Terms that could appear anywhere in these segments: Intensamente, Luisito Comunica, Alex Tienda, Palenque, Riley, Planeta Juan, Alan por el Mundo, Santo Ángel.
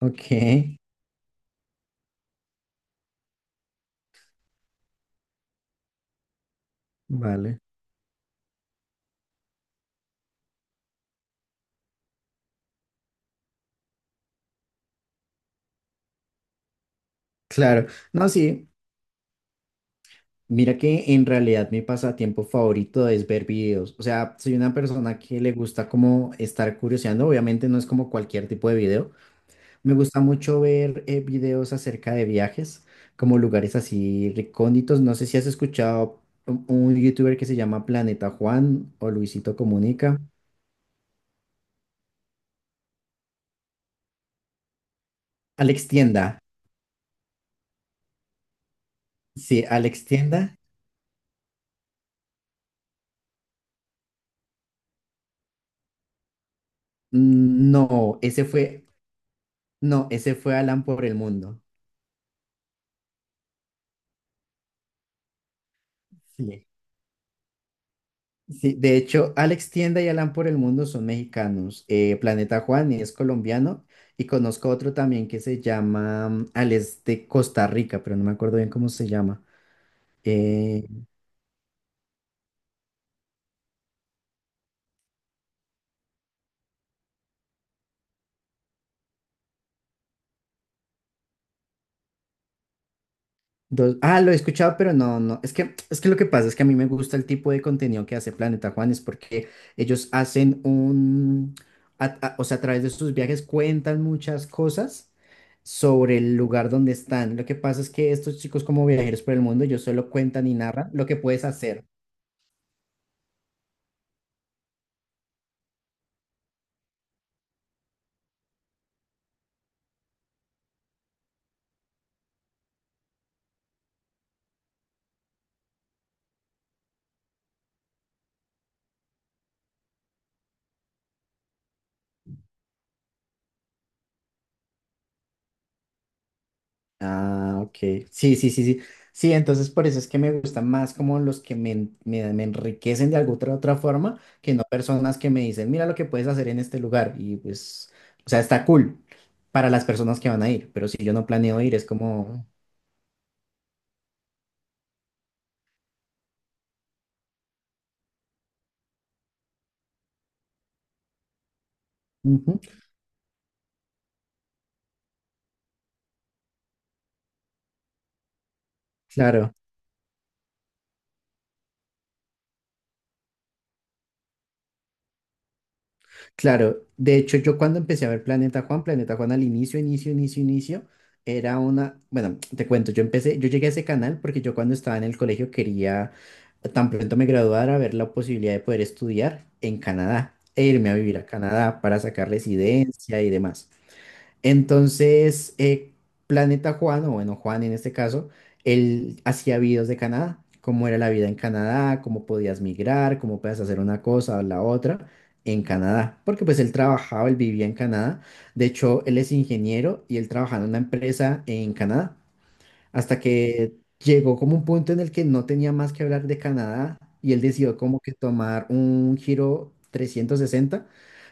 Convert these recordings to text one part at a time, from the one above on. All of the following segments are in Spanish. Ok, vale. Claro. No, sí. Mira que en realidad mi pasatiempo favorito es ver videos. O sea, soy una persona que le gusta como estar curioseando. Obviamente no es como cualquier tipo de video. Me gusta mucho ver videos acerca de viajes, como lugares así recónditos. No sé si has escuchado un youtuber que se llama Planeta Juan o Luisito Comunica. Alex Tienda. Sí, Alex Tienda. Mm, no, no, ese fue Alan por el mundo. Sí. Sí, de hecho, Alex Tienda y Alan por el Mundo son mexicanos. Planeta Juan es colombiano y conozco otro también que se llama Alex de Costa Rica, pero no me acuerdo bien cómo se llama. Eh, ah, lo he escuchado, pero no, no. Es que lo que pasa es que a mí me gusta el tipo de contenido que hace Planeta Juanes, porque ellos hacen o sea, a través de sus viajes cuentan muchas cosas sobre el lugar donde están. Lo que pasa es que estos chicos como viajeros por el mundo, ellos solo cuentan y narran lo que puedes hacer. Ah, ok. Sí, sí, sí, sí. Sí, entonces por eso es que me gustan más como los que me enriquecen de alguna otra, forma, que no personas que me dicen, mira lo que puedes hacer en este lugar. Y pues, o sea, está cool para las personas que van a ir, pero si yo no planeo ir, es como, Ujú, claro. Claro, de hecho yo cuando empecé a ver Planeta Juan al inicio, bueno, te cuento, yo llegué a ese canal porque yo cuando estaba en el colegio quería, tan pronto me graduara, ver la posibilidad de poder estudiar en Canadá e irme a vivir a Canadá para sacar residencia y demás. Entonces, Planeta Juan, o bueno, Juan en este caso, él hacía videos de Canadá, cómo era la vida en Canadá, cómo podías migrar, cómo podías hacer una cosa o la otra en Canadá, porque pues él vivía en Canadá. De hecho, él es ingeniero y él trabajaba en una empresa en Canadá hasta que llegó como un punto en el que no tenía más que hablar de Canadá y él decidió como que tomar un giro 360,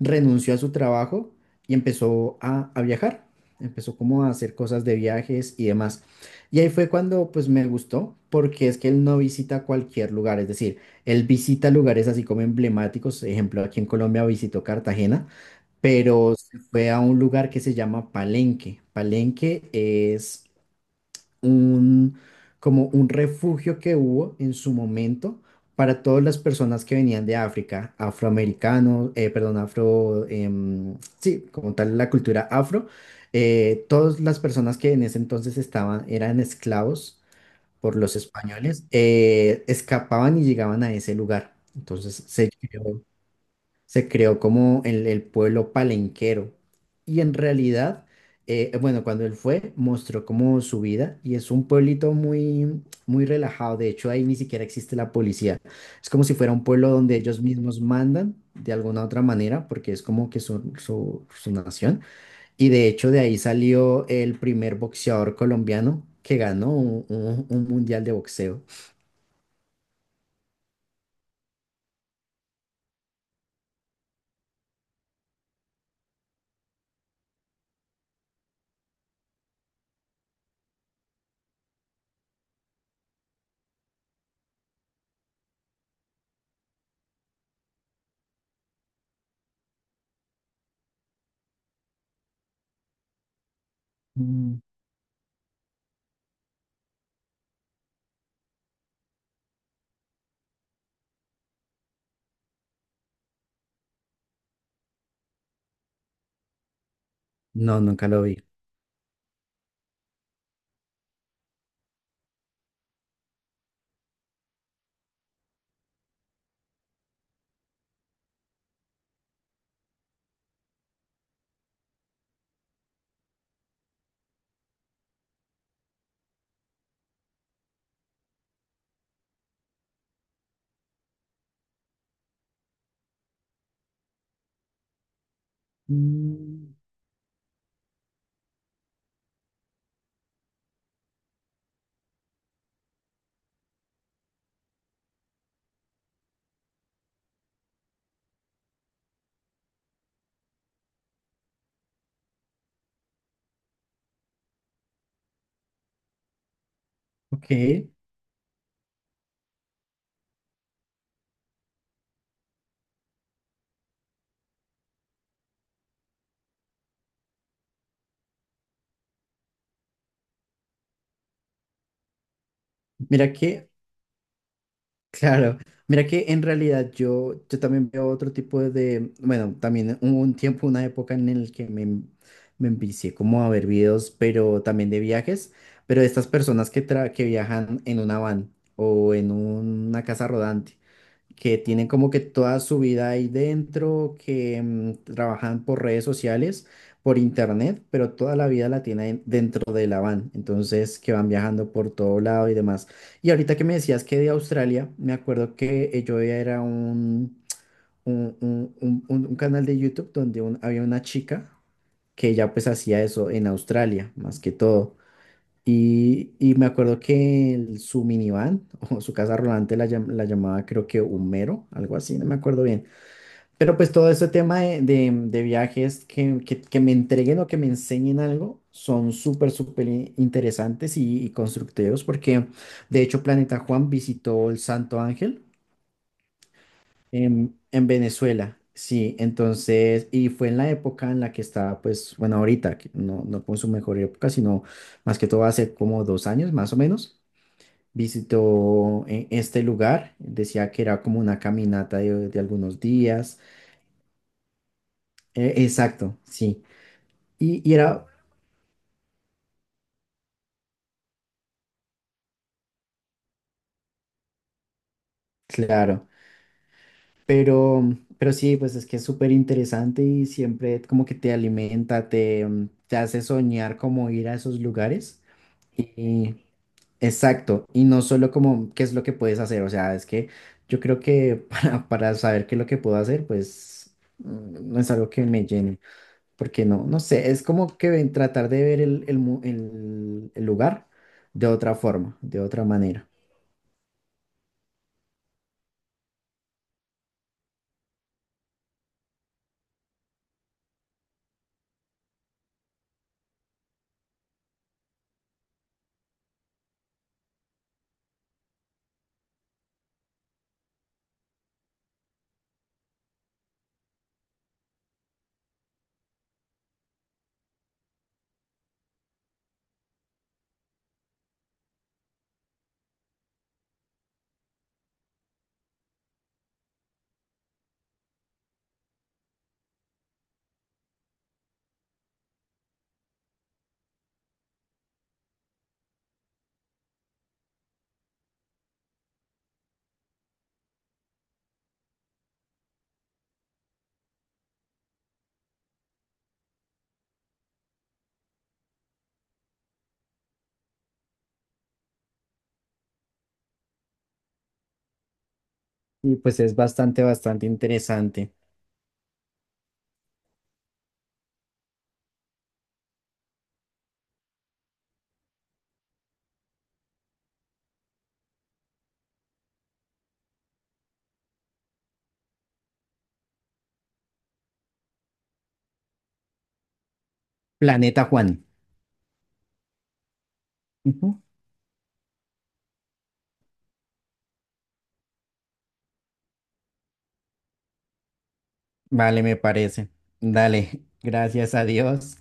renunció a su trabajo y empezó a viajar, empezó como a hacer cosas de viajes y demás. Y ahí fue cuando pues me gustó, porque es que él no visita cualquier lugar, es decir, él visita lugares así como emblemáticos, ejemplo, aquí en Colombia visitó Cartagena, pero se fue a un lugar que se llama Palenque. Palenque es un, como un refugio que hubo en su momento para todas las personas que venían de África, afroamericanos, perdón, afro, sí, como tal la cultura afro, todas las personas que en ese entonces eran esclavos por los españoles, escapaban y llegaban a ese lugar. Entonces se creó como el pueblo palenquero. Y en realidad, bueno, cuando él fue, mostró como su vida y es un pueblito muy, muy relajado. De hecho, ahí ni siquiera existe la policía. Es como si fuera un pueblo donde ellos mismos mandan de alguna otra manera, porque es como que su nación. Y de hecho, de ahí salió el primer boxeador colombiano que ganó un mundial de boxeo. Mm, no, nunca lo vi. Mm, ok. Mira que Claro, mira que en realidad yo también veo otro tipo de, bueno, también hubo un tiempo, una época en el que me envicié como a ver videos, pero también de viajes, pero de estas personas que viajan en una van o en una casa rodante que tienen como que toda su vida ahí dentro, que trabajan por redes sociales, por internet, pero toda la vida la tienen dentro de la van, entonces que van viajando por todo lado y demás. Y ahorita que me decías que de Australia, me acuerdo que yo veía era un canal de YouTube donde había una chica que ya pues hacía eso en Australia, más que todo. Y me acuerdo que su minivan o su casa rodante la llamaba creo que Humero, algo así, no me acuerdo bien. Pero pues todo ese tema de viajes que me entreguen o que me enseñen algo son súper, súper interesantes y constructivos porque de hecho Planeta Juan visitó el Santo Ángel en Venezuela. Sí, entonces, y fue en la época en la que estaba, pues, bueno, ahorita, que no, no con su mejor época, sino más que todo hace como 2 años más o menos visitó este lugar. Decía que era como una caminata de algunos días. Exacto, sí. Y era, claro, pero, pero, sí, pues es que es súper interesante y siempre como que te alimenta, te hace soñar como ir a esos lugares. Y, exacto, y no solo como qué es lo que puedes hacer, o sea, es que yo creo que para saber qué es lo que puedo hacer, pues no es algo que me llene. Porque no, no sé, es como que tratar de ver el lugar de otra forma, de otra manera. Y pues es bastante, bastante interesante. Planeta Juan. Ujú. Vale, me parece. Dale, gracias a Dios.